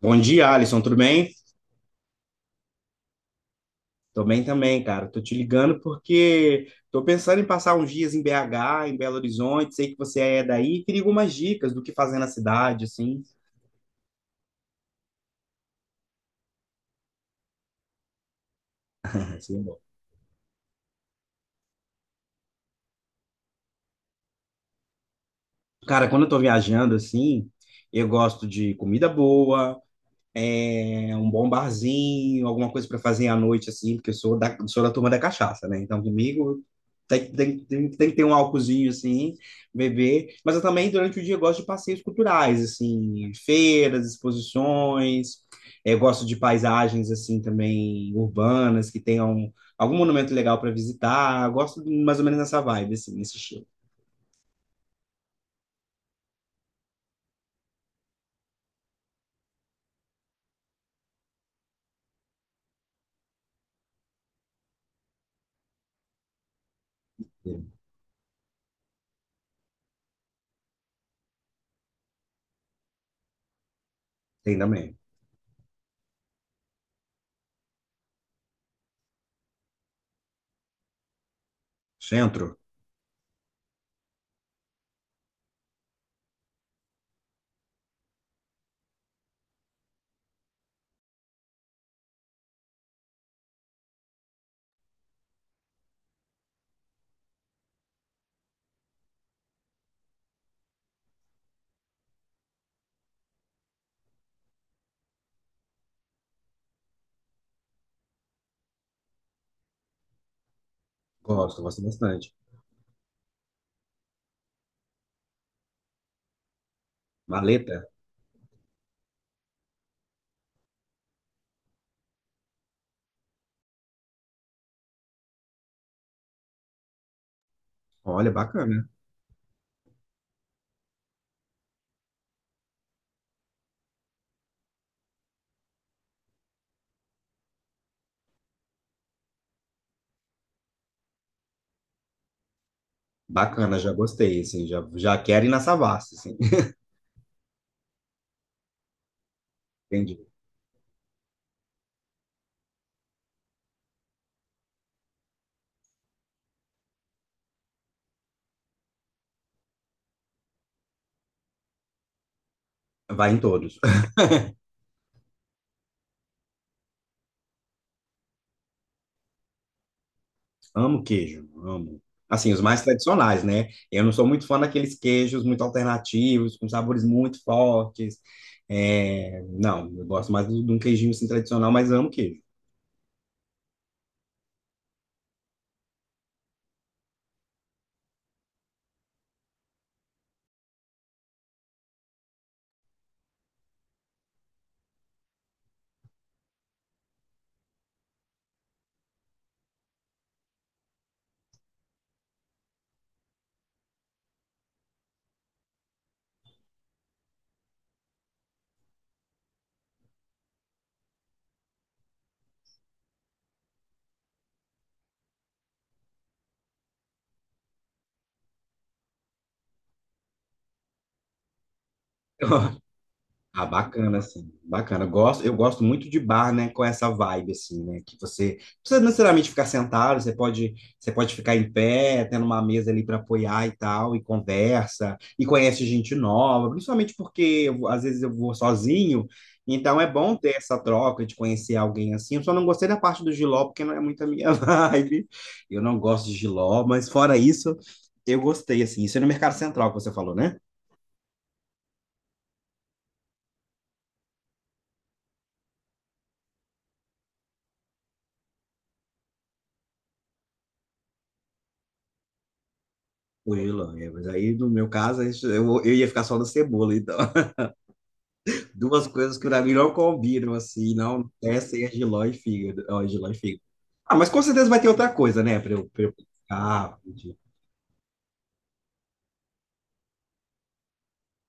Bom dia, Alisson, tudo bem? Tô bem também, cara. Tô te ligando porque tô pensando em passar uns dias em BH, em Belo Horizonte. Sei que você é daí, queria algumas dicas do que fazer na cidade, assim. Assim, bom. Cara, quando eu tô viajando assim, eu gosto de comida boa, um bom barzinho, alguma coisa para fazer à noite, assim, porque eu sou da turma da cachaça, né? Então, comigo tem que ter um álcoolzinho, assim, beber. Mas eu também, durante o dia, eu gosto de passeios culturais, assim, feiras, exposições. Eu gosto de paisagens, assim, também urbanas, que tenham algum monumento legal para visitar. Eu gosto mais ou menos nessa vibe, assim, nesse estilo. Tem também. Centro, gosto, gosto bastante. Maleta, olha, bacana. Bacana, já gostei, assim, já quero ir na Savassi, assim. Entendi. Vai em todos. Amo queijo, amo. Assim, os mais tradicionais, né? Eu não sou muito fã daqueles queijos muito alternativos, com sabores muito fortes. É, não, eu gosto mais de um queijinho assim, tradicional, mas amo queijo. Ah, bacana, assim, bacana. Eu gosto, eu gosto muito de bar, né, com essa vibe, assim, né, que você não precisa necessariamente ficar sentado, você pode ficar em pé, tendo uma mesa ali para apoiar e tal, e conversa, e conhece gente nova, principalmente porque às vezes eu vou sozinho, então é bom ter essa troca de conhecer alguém assim. Eu só não gostei da parte do jiló, porque não é muito a minha vibe. Eu não gosto de jiló, mas fora isso, eu gostei, assim. Isso é no Mercado Central que você falou, né? Tranquilo, é, mas aí no meu caso aí eu ia ficar só na cebola, então. Duas coisas que pra mim não combinam, assim, não descem é jiló e fígado. Ó, jiló e fígado. Ah, mas com certeza vai ter outra coisa, né? Pra eu... Ah, entendi.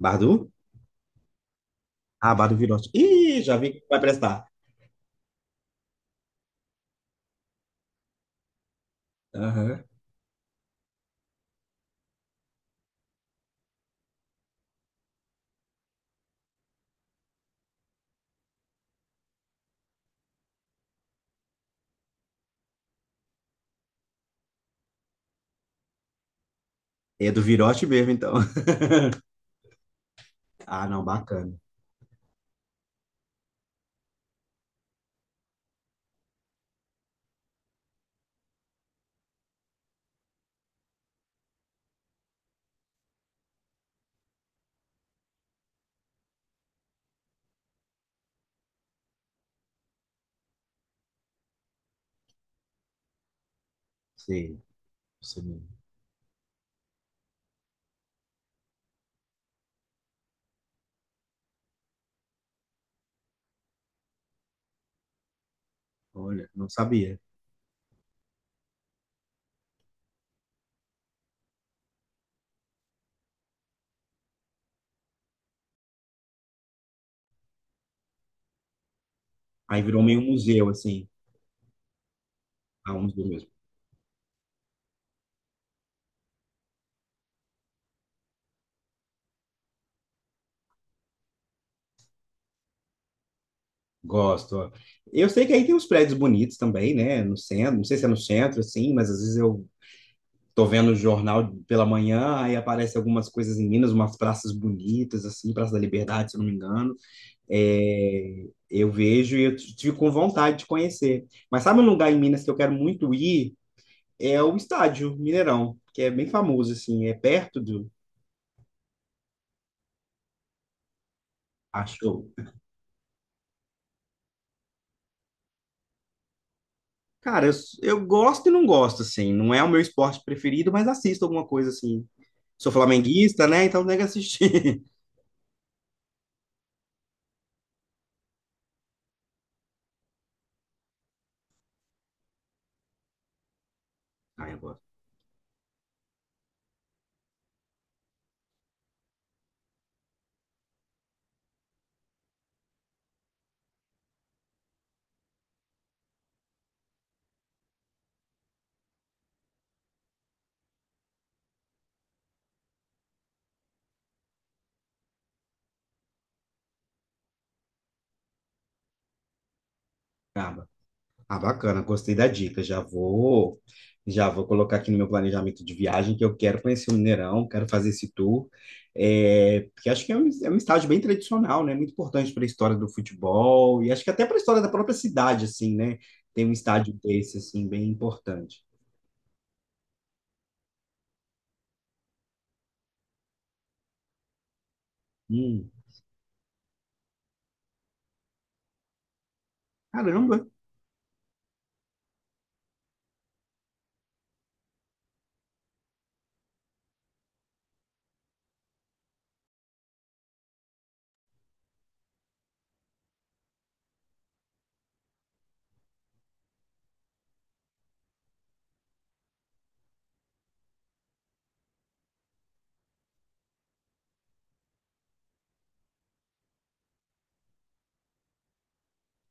Bardu? Ah, Bardu Virote. Ih, já vi que vai prestar. Aham. É do Virote mesmo, então. Ah, não, bacana. Sei, sei mesmo. Olha, não sabia. Aí virou meio um museu, assim. Ah, um museu mesmo. Gosto. Ó. Eu sei que aí tem uns prédios bonitos também, né? No centro, não sei se é no centro, assim, mas às vezes eu tô vendo o jornal pela manhã, aí aparece algumas coisas em Minas, umas praças bonitas, assim, Praça da Liberdade, se eu não me engano. É, eu vejo e eu tive com vontade de conhecer. Mas sabe um lugar em Minas que eu quero muito ir? É o estádio Mineirão, que é bem famoso, assim, é perto do. Acho. Cara, eu gosto e não gosto, assim. Não é o meu esporte preferido, mas assisto alguma coisa, assim. Sou flamenguista, né? Então tem que assistir. Ai, eu gosto. Acaba. Ah, bacana, gostei da dica. Já vou colocar aqui no meu planejamento de viagem que eu quero conhecer o Mineirão, quero fazer esse tour. É, porque acho que é é um estádio bem tradicional, né? Muito importante para a história do futebol e acho que até para a história da própria cidade, assim, né? Tem um estádio desse, assim, bem importante. Hum, caramba.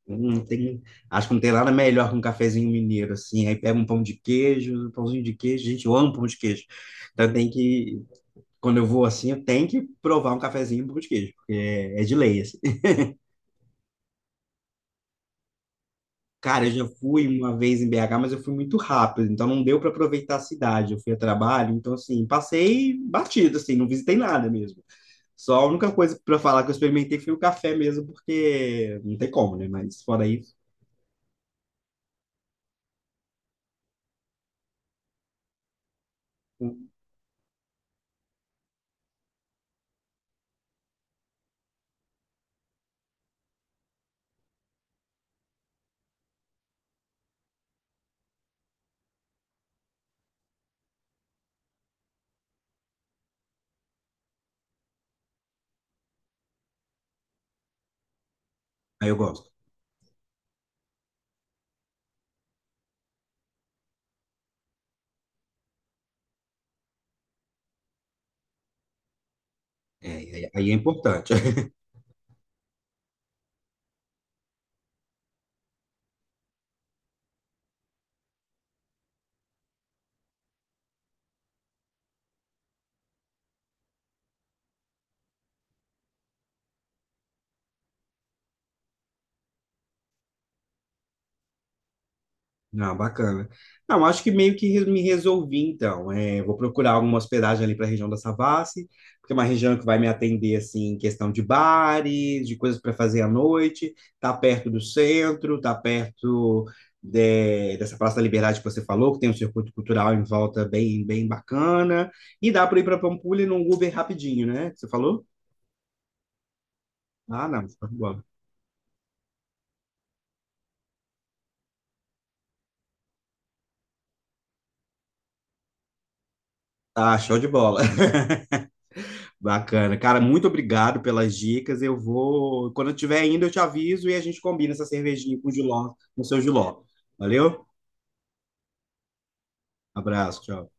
Não tem, acho que não tem nada melhor que um cafezinho mineiro, assim. Aí pega um pão de queijo, um pãozinho de queijo. Gente, eu amo pão de queijo. Então quando eu vou assim, eu tenho que provar um cafezinho e um pão de queijo, porque é de lei, assim. Cara, eu já fui uma vez em BH, mas eu fui muito rápido, então não deu para aproveitar a cidade. Eu fui a trabalho, então assim, passei batido, assim, não visitei nada mesmo. Só a única coisa para falar que eu experimentei foi o café mesmo, porque não tem como, né? Mas fora isso, aí eu gosto. É, aí é importante. Ah, bacana. Não, acho que meio que me resolvi, então. É, vou procurar alguma hospedagem ali para a região da Savassi, porque é uma região que vai me atender, assim, em questão de bares, de coisas para fazer à noite, tá perto do centro, tá perto dessa Praça da Liberdade que você falou, que tem um circuito cultural em volta bem bacana, e dá para ir para Pampulha num Uber rapidinho, né? Que você falou? Ah, não, show de bola. Ah, show de bola. Bacana. Cara, muito obrigado pelas dicas. Eu vou, quando eu estiver indo, eu te aviso e a gente combina essa cervejinha com o Giló, no seu Giló. Valeu? Abraço, tchau.